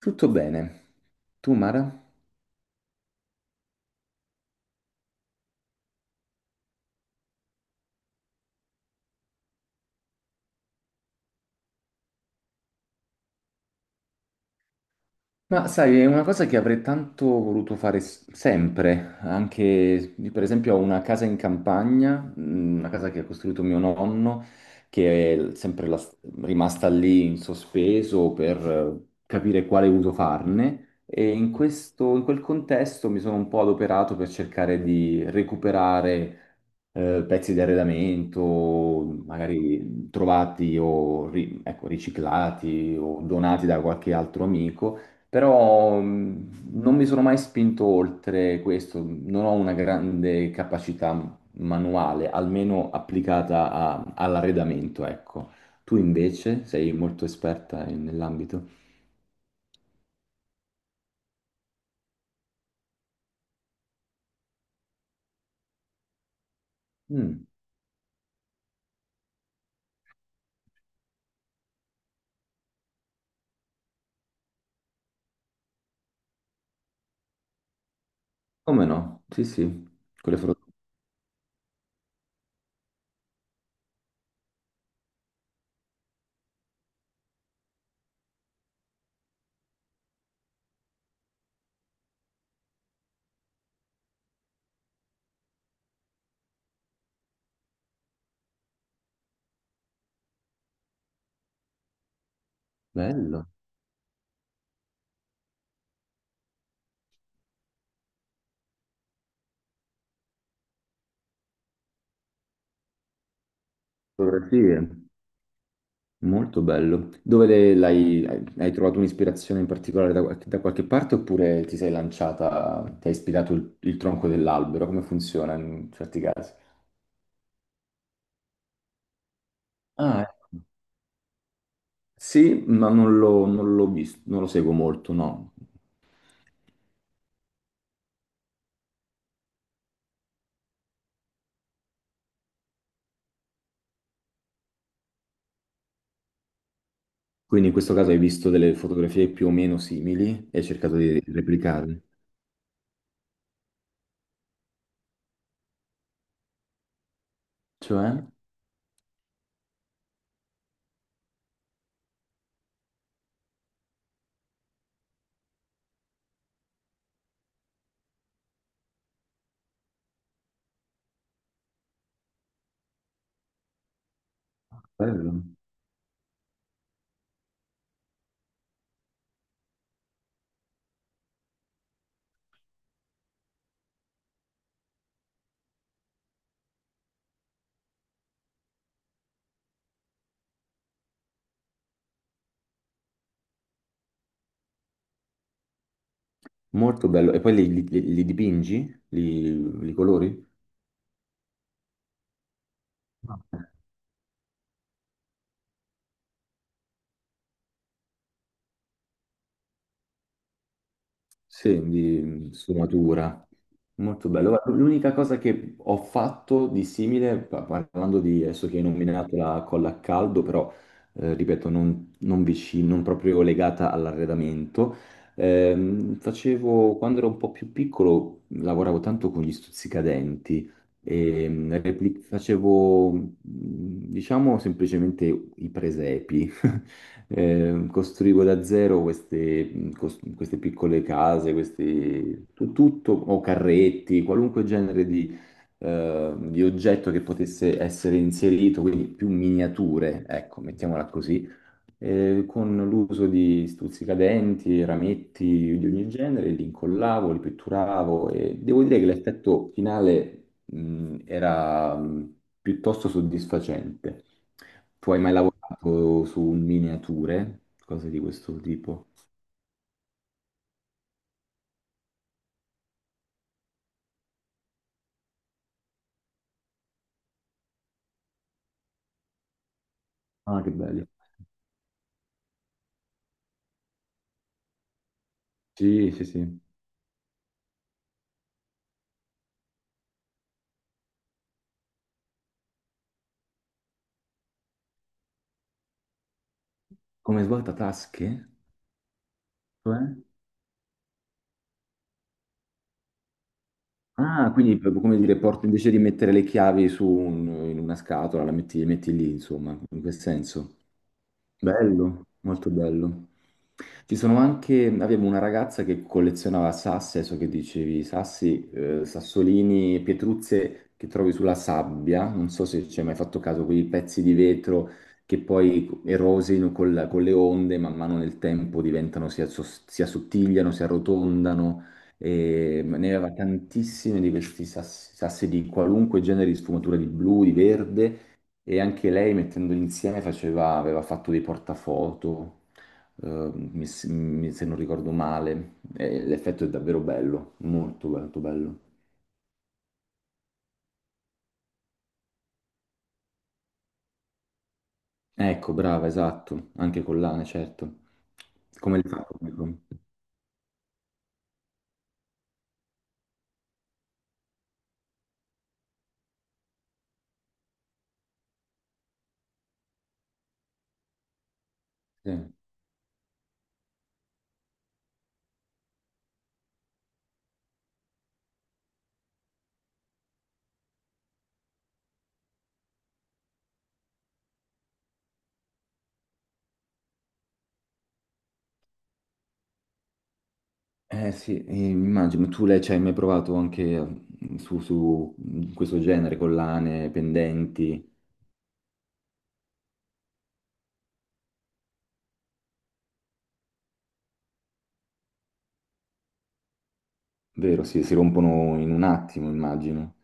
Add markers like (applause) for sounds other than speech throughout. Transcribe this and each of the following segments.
Tutto bene. Tu, Mara? Ma sai, è una cosa che avrei tanto voluto fare sempre, anche io, per esempio ho una casa in campagna, una casa che ha costruito mio nonno, che è sempre rimasta lì in sospeso per capire quale uso farne e in questo, in quel contesto mi sono un po' adoperato per cercare di recuperare pezzi di arredamento, magari trovati o ecco, riciclati o donati da qualche altro amico, però non mi sono mai spinto oltre questo, non ho una grande capacità manuale, almeno applicata all'arredamento, ecco. Tu invece sei molto esperta nell'ambito? Mm, come no? Sì, sì, quelle foto. Bello. Fotografie. Molto bello. Dove l'hai, hai trovato un'ispirazione in particolare da, da qualche parte oppure ti sei lanciata, ti hai ispirato il tronco dell'albero? Come funziona in certi casi? Ah, ecco. Sì, ma non l'ho non l'ho visto, non lo seguo molto, no. Quindi in questo caso hai visto delle fotografie più o meno simili e hai cercato di replicarle. Cioè? Bello. Molto bello. E poi li, li dipingi? Li, li colori? Sì, di sfumatura. Molto bello. Guarda, l'unica cosa che ho fatto di simile, parlando di adesso che hai nominato la colla a caldo, però ripeto, non, non vicino, non proprio legata all'arredamento, facevo quando ero un po' più piccolo, lavoravo tanto con gli stuzzicadenti e facevo, diciamo, semplicemente i presepi. (laughs) Costruivo da zero queste, queste piccole case, questi, tutto, o carretti, qualunque genere di oggetto che potesse essere inserito, quindi più miniature, ecco, mettiamola così con l'uso di stuzzicadenti, rametti di ogni genere, li incollavo, li pitturavo e devo dire che l'effetto finale, era piuttosto soddisfacente. Tu hai mai lavorato su miniature, cose di questo tipo? Ah, che bello. Sì, sì, sì. Come svuotatasche? Cioè? Ah, quindi proprio come dire, porti invece di mettere le chiavi su in una scatola, la metti, le metti lì, insomma, in quel senso. Bello, molto bello. Ci sono anche, abbiamo una ragazza che collezionava sassi, adesso che dicevi, sassi, sassolini, pietruzze che trovi sulla sabbia, non so se ci hai mai fatto caso, quei pezzi di vetro che poi erosino con le onde, man mano nel tempo diventano, si, si assottigliano, si arrotondano, e ne aveva tantissimi di questi sassi, sassi di qualunque genere di sfumatura di blu, di verde e anche lei mettendoli insieme aveva fatto dei portafoto, se non ricordo male. E l'effetto è davvero bello, molto molto bello. Ecco, brava, esatto, anche collane, certo. Come li fa comunque. Sì. Eh sì, immagino, tu lei ci hai mai provato anche su questo genere, collane, pendenti, vero? Sì, si rompono in un attimo, immagino.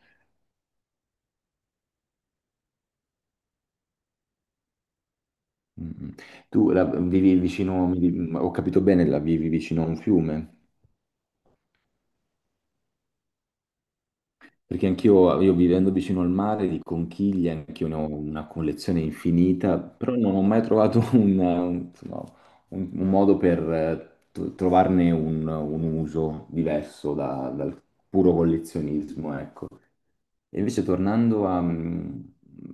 Mm. Mm. Tu la vivi vicino, ho capito bene, la vivi vicino a un fiume? Perché anch'io, io vivendo vicino al mare, di conchiglie, anch'io ne ho una collezione infinita, però non ho mai trovato (laughs) un, insomma, un modo per trovarne un uso diverso dal puro collezionismo, ecco. E invece tornando a,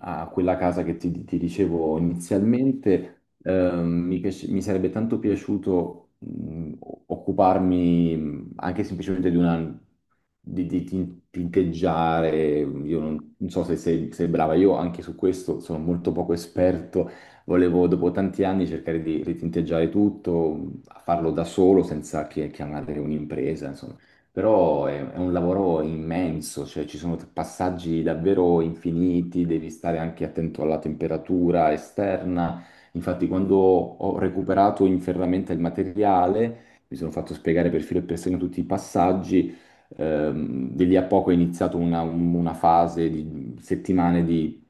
a quella casa che ti dicevo inizialmente, mi sarebbe tanto piaciuto occuparmi anche semplicemente di una, di, tinteggiare, io non, non so se sei, sei brava, io anche su questo sono molto poco esperto, volevo dopo tanti anni cercare di ritinteggiare tutto, farlo da solo senza che chiamare un'impresa, insomma però è un lavoro immenso, cioè ci sono passaggi davvero infiniti, devi stare anche attento alla temperatura esterna. Infatti, quando ho recuperato in ferramenta il materiale, mi sono fatto spiegare per filo e per segno tutti i passaggi. Di lì a poco è iniziata una fase di settimane di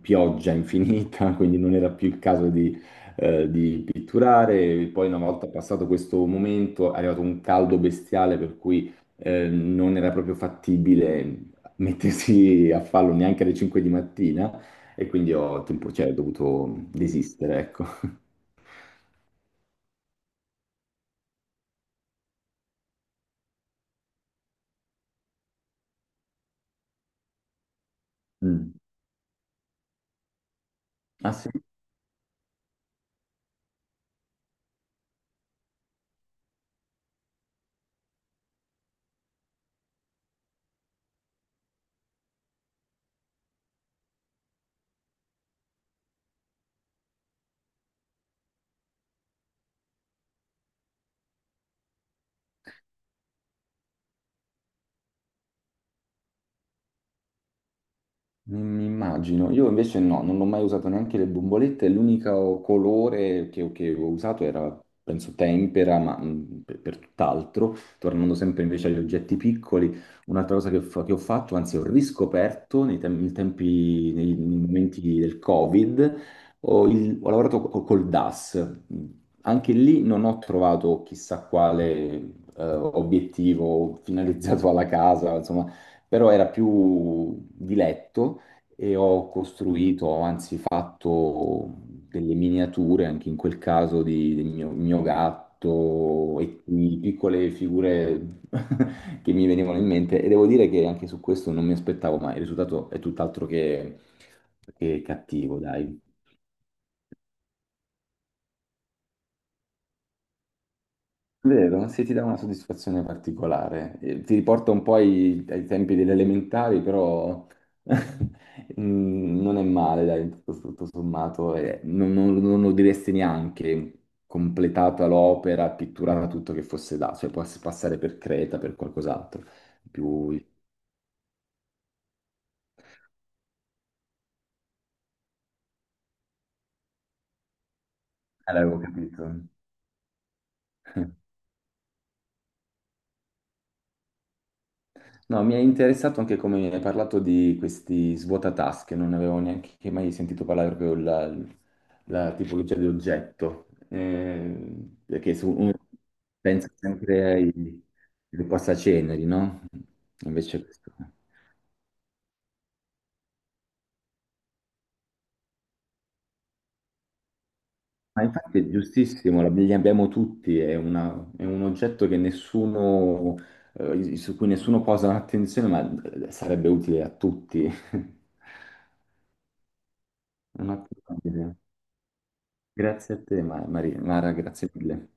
pioggia infinita, (laughs) quindi non era più il caso di pitturare. Poi, una volta passato questo momento, è arrivato un caldo bestiale per cui non era proprio fattibile mettersi a farlo neanche alle 5 di mattina e quindi ho, cioè, ho dovuto desistere, ecco. Mm. Ah, sì? Mi immagino, io invece no, non ho mai usato neanche le bombolette, l'unico colore che ho usato era, penso, tempera, ma per tutt'altro, tornando sempre invece agli oggetti piccoli, un'altra cosa che, che ho fatto, anzi ho riscoperto nei, nei tempi, nei, nei momenti del Covid, ho, ho lavorato col DAS, anche lì non ho trovato chissà quale obiettivo finalizzato alla casa, insomma però era più diletto e ho costruito, ho anzi fatto delle miniature, anche in quel caso, di, del mio, mio gatto e di piccole figure (laughs) che mi venivano in mente e devo dire che anche su questo non mi aspettavo mai, il risultato è tutt'altro che cattivo, dai. Vero? Sì, ti dà una soddisfazione particolare. Ti riporta un po' ai, ai tempi delle elementari, però (laughs) non è male, dai, tutto, tutto sommato. Non, non lo diresti neanche completata l'opera, pitturata tutto che fosse da, cioè può passare per Creta, per qualcos'altro. Più... l'avevo capito. No, mi è interessato anche come hai parlato di questi svuotatasche, non avevo neanche mai sentito parlare proprio la, la tipologia di oggetto, eh, perché uno pensa sempre ai, ai passaceneri, no? Invece questo... no. Ma infatti è giustissimo, li abbiamo tutti, è, è un oggetto che nessuno, su cui nessuno posa attenzione, ma sarebbe utile a tutti. (laughs) Un'ottima idea. Grazie a te, Maria, Mara, grazie mille.